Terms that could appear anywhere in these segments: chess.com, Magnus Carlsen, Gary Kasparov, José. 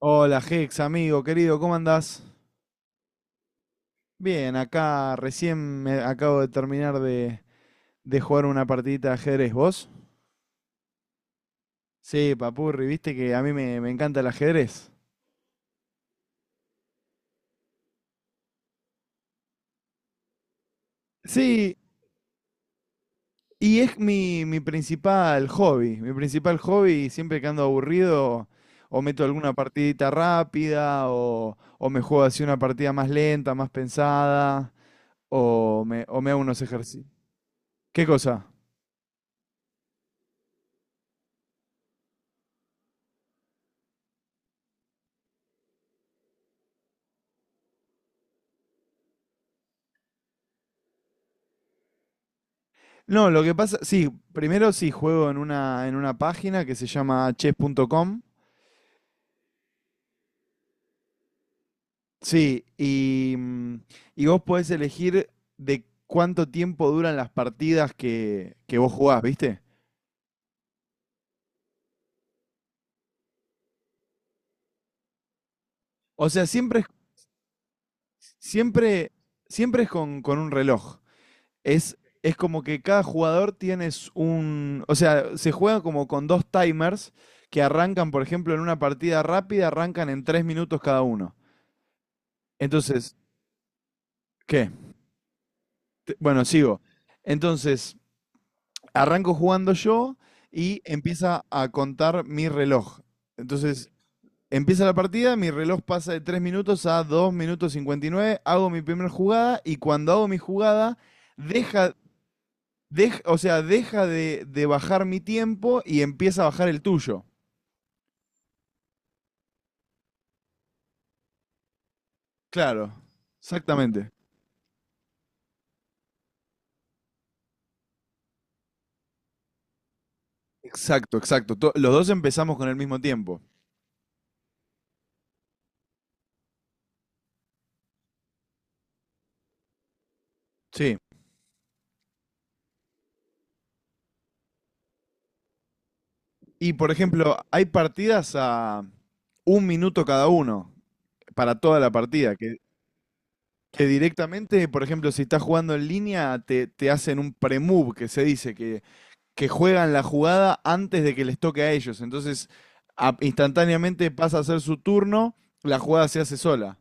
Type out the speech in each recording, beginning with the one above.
Hola, Hex, amigo, querido, ¿cómo andás? Bien, acá recién me acabo de terminar de jugar una partidita de ajedrez. ¿Vos? Sí, papurri, viste que a mí me encanta el ajedrez. Sí, y es mi principal hobby. Mi principal hobby, siempre que ando aburrido, o meto alguna partidita rápida, o me juego así una partida más lenta, más pensada, o me hago unos ejercicios. ¿Qué cosa? No, lo que pasa, sí, primero sí juego en una página que se llama chess.com. Sí, y vos podés elegir de cuánto tiempo duran las partidas que vos jugás, ¿viste? O sea, siempre, siempre es con un reloj. Es, es como que cada jugador tienes un. O sea, se juega como con dos timers que arrancan, por ejemplo, en una partida rápida, arrancan en 3 minutos cada uno. Entonces, ¿qué? Bueno, sigo. Entonces, arranco jugando yo y empieza a contar mi reloj. Entonces, empieza la partida, mi reloj pasa de 3 minutos a 2 minutos 59, hago mi primera jugada y cuando hago mi jugada, deja, o sea, deja de bajar mi tiempo y empieza a bajar el tuyo. Claro, exactamente. Exacto, exacto. Los dos empezamos con el mismo tiempo. Sí. Y por ejemplo, hay partidas a 1 minuto cada uno para toda la partida, que directamente, por ejemplo, si estás jugando en línea, te hacen un pre-move, que se dice, que juegan la jugada antes de que les toque a ellos. Entonces, instantáneamente pasa a ser su turno, la jugada se hace sola.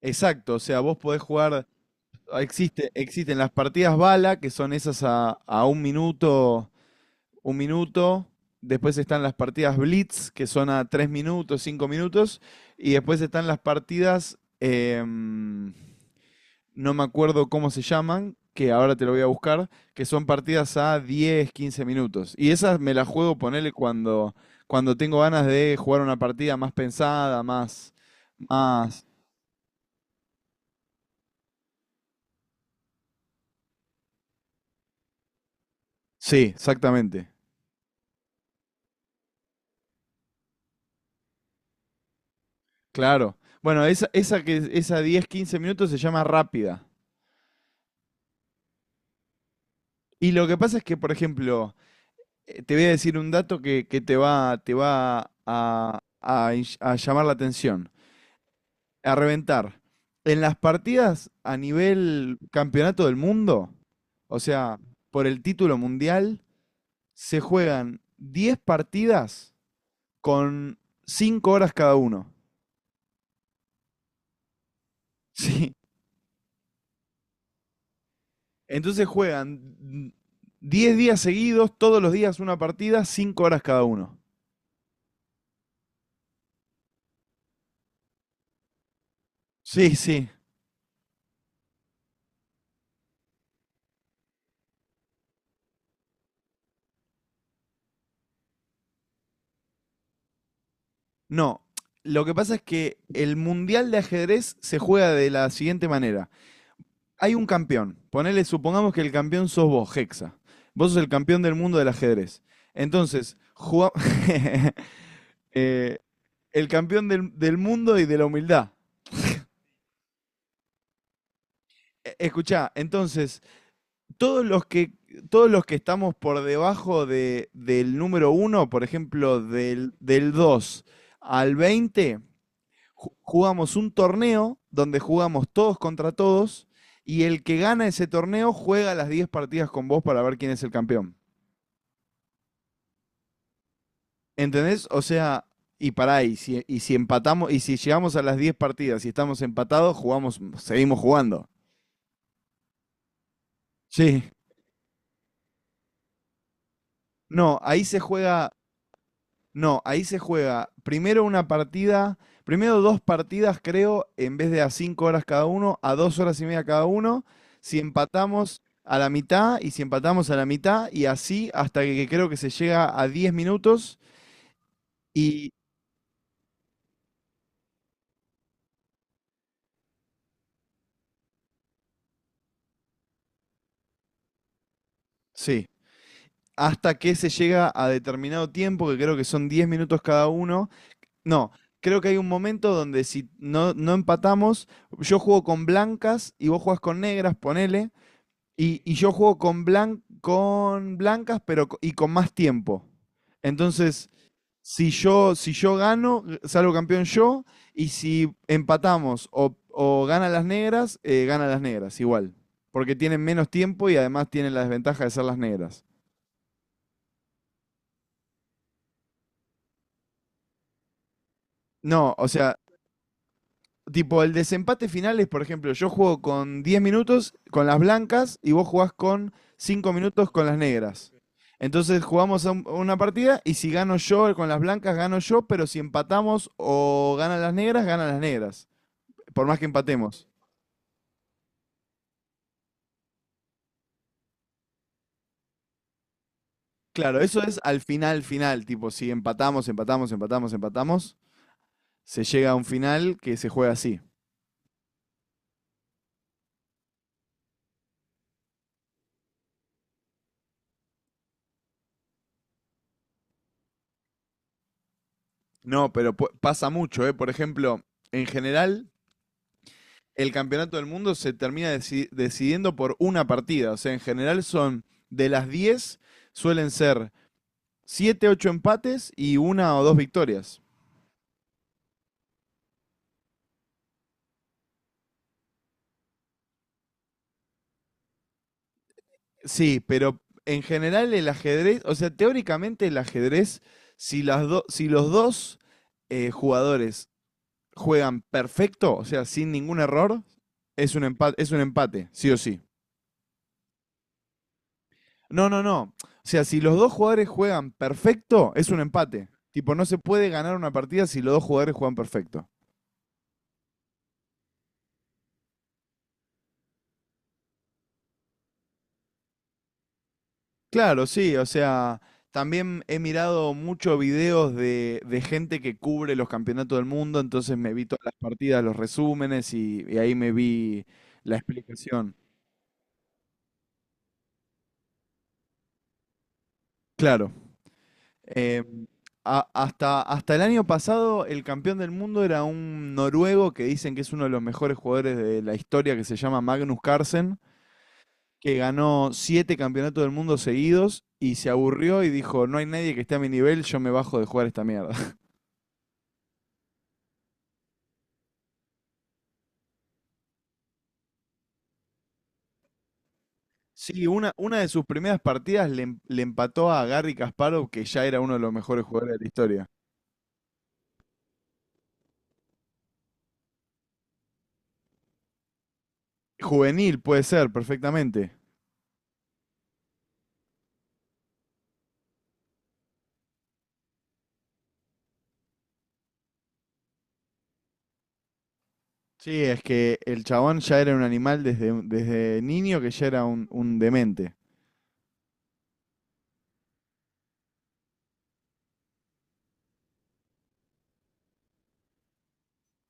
Exacto, o sea, vos podés jugar, existen las partidas bala, que son esas a 1 minuto, 1 minuto. Después están las partidas blitz, que son a 3 minutos, 5 minutos. Y después están las partidas, em, no me acuerdo cómo se llaman, que ahora te lo voy a buscar, que son partidas a 10, 15 minutos. Y esas me las juego, ponele cuando tengo ganas de jugar una partida más pensada, más. Sí, exactamente. Claro. Bueno, esa 10, 15 minutos se llama rápida. Y lo que pasa es que, por ejemplo, te voy a decir un dato que te va a llamar la atención. A reventar. En las partidas a nivel campeonato del mundo, o sea, por el título mundial, se juegan 10 partidas con 5 horas cada uno. Sí. Entonces juegan 10 días seguidos, todos los días una partida, 5 horas cada uno. Sí, sí. No, lo que pasa es que el mundial de ajedrez se juega de la siguiente manera. Hay un campeón. Ponele, supongamos que el campeón sos vos, Hexa. Vos sos el campeón del mundo del ajedrez. Entonces, eh, el campeón del mundo y de la humildad. Escuchá, entonces, todos los que, todos los que estamos por debajo del número uno, por ejemplo, del 2 al 20, jugamos un torneo donde jugamos todos contra todos y el que gana ese torneo juega las 10 partidas con vos para ver quién es el campeón. ¿Entendés? O sea, y pará, y si empatamos, y si llegamos a las 10 partidas y estamos empatados, jugamos, seguimos jugando. Sí. No, ahí se juega, no, ahí se juega primero una partida, primero dos partidas, creo, en vez de a 5 horas cada uno, a 2 horas y media cada uno, si empatamos a la mitad y si empatamos a la mitad y así hasta que creo que se llega a 10 minutos, y sí, hasta que se llega a determinado tiempo, que creo que son 10 minutos cada uno. No, creo que hay un momento donde si no, no empatamos, yo juego con blancas y vos jugás con negras, ponele, y yo juego con blancas pero, y con más tiempo. Entonces, si yo gano, salgo campeón yo, y si empatamos o ganan las negras, igual. Porque tienen menos tiempo y además tienen la desventaja de ser las negras. No, o sea, tipo, el desempate final es, por ejemplo, yo juego con 10 minutos con las blancas y vos jugás con 5 minutos con las negras. Entonces jugamos a una partida y si gano yo con las blancas, gano yo, pero si empatamos o ganan las negras, ganan las negras. Por más que empatemos. Claro, eso es al final, final. Tipo, si empatamos, empatamos, empatamos, empatamos, se llega a un final que se juega así. No, pero pasa mucho, ¿eh? Por ejemplo, en general, el campeonato del mundo se termina decidiendo por una partida. O sea, en general son de las 10, suelen ser 7, 8 empates y una o dos victorias. Sí, pero en general el ajedrez, o sea, teóricamente el ajedrez, si, si los dos jugadores juegan perfecto, o sea, sin ningún error, es un empate, sí o sí. No, no, no. O sea, si los dos jugadores juegan perfecto, es un empate. Tipo, no se puede ganar una partida si los dos jugadores juegan perfecto. Claro, sí, o sea, también he mirado muchos videos de gente que cubre los campeonatos del mundo, entonces me vi todas las partidas, los resúmenes y ahí me vi la explicación. Claro. eh, hasta el año pasado el campeón del mundo era un noruego que dicen que es uno de los mejores jugadores de la historia que se llama Magnus Carlsen, que ganó siete campeonatos del mundo seguidos y se aburrió y dijo, no hay nadie que esté a mi nivel, yo me bajo de jugar esta mierda. Sí, una de sus primeras partidas le empató a Gary Kasparov, que ya era uno de los mejores jugadores de la historia. Juvenil, puede ser, perfectamente. Sí, es que el chabón ya era un animal desde niño, que ya era un demente.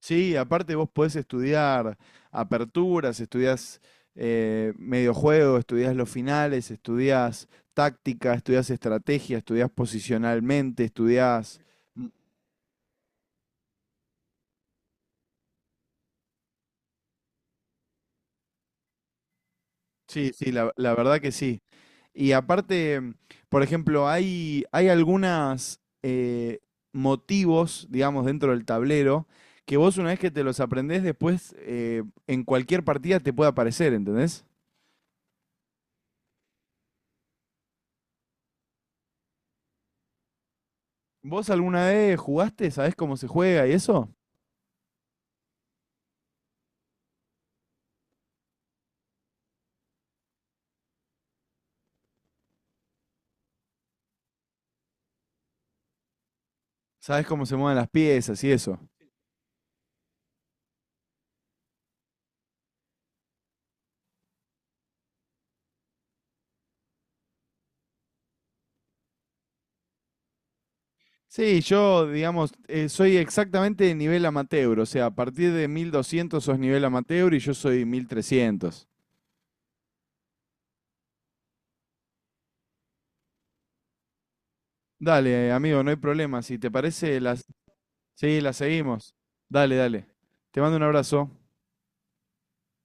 Sí, aparte vos podés estudiar aperturas, estudiás mediojuego, estudiás los finales, estudiás táctica, estudiás estrategia, estudiás posicionalmente, estudiás. Mm. Sí, sí, la verdad que sí. Y aparte, por ejemplo, hay algunas motivos, digamos, dentro del tablero, que vos una vez que te los aprendés, después en cualquier partida te puede aparecer, ¿entendés? ¿Vos alguna vez jugaste? ¿Sabés cómo se juega y eso? Sabes cómo se mueven las piezas y eso. Sí, yo, digamos, soy exactamente de nivel amateur, o sea, a partir de 1200 sos nivel amateur y yo soy 1300. Dale, amigo, no hay problema. Si te parece, sí, las seguimos. Dale, dale. Te mando un abrazo.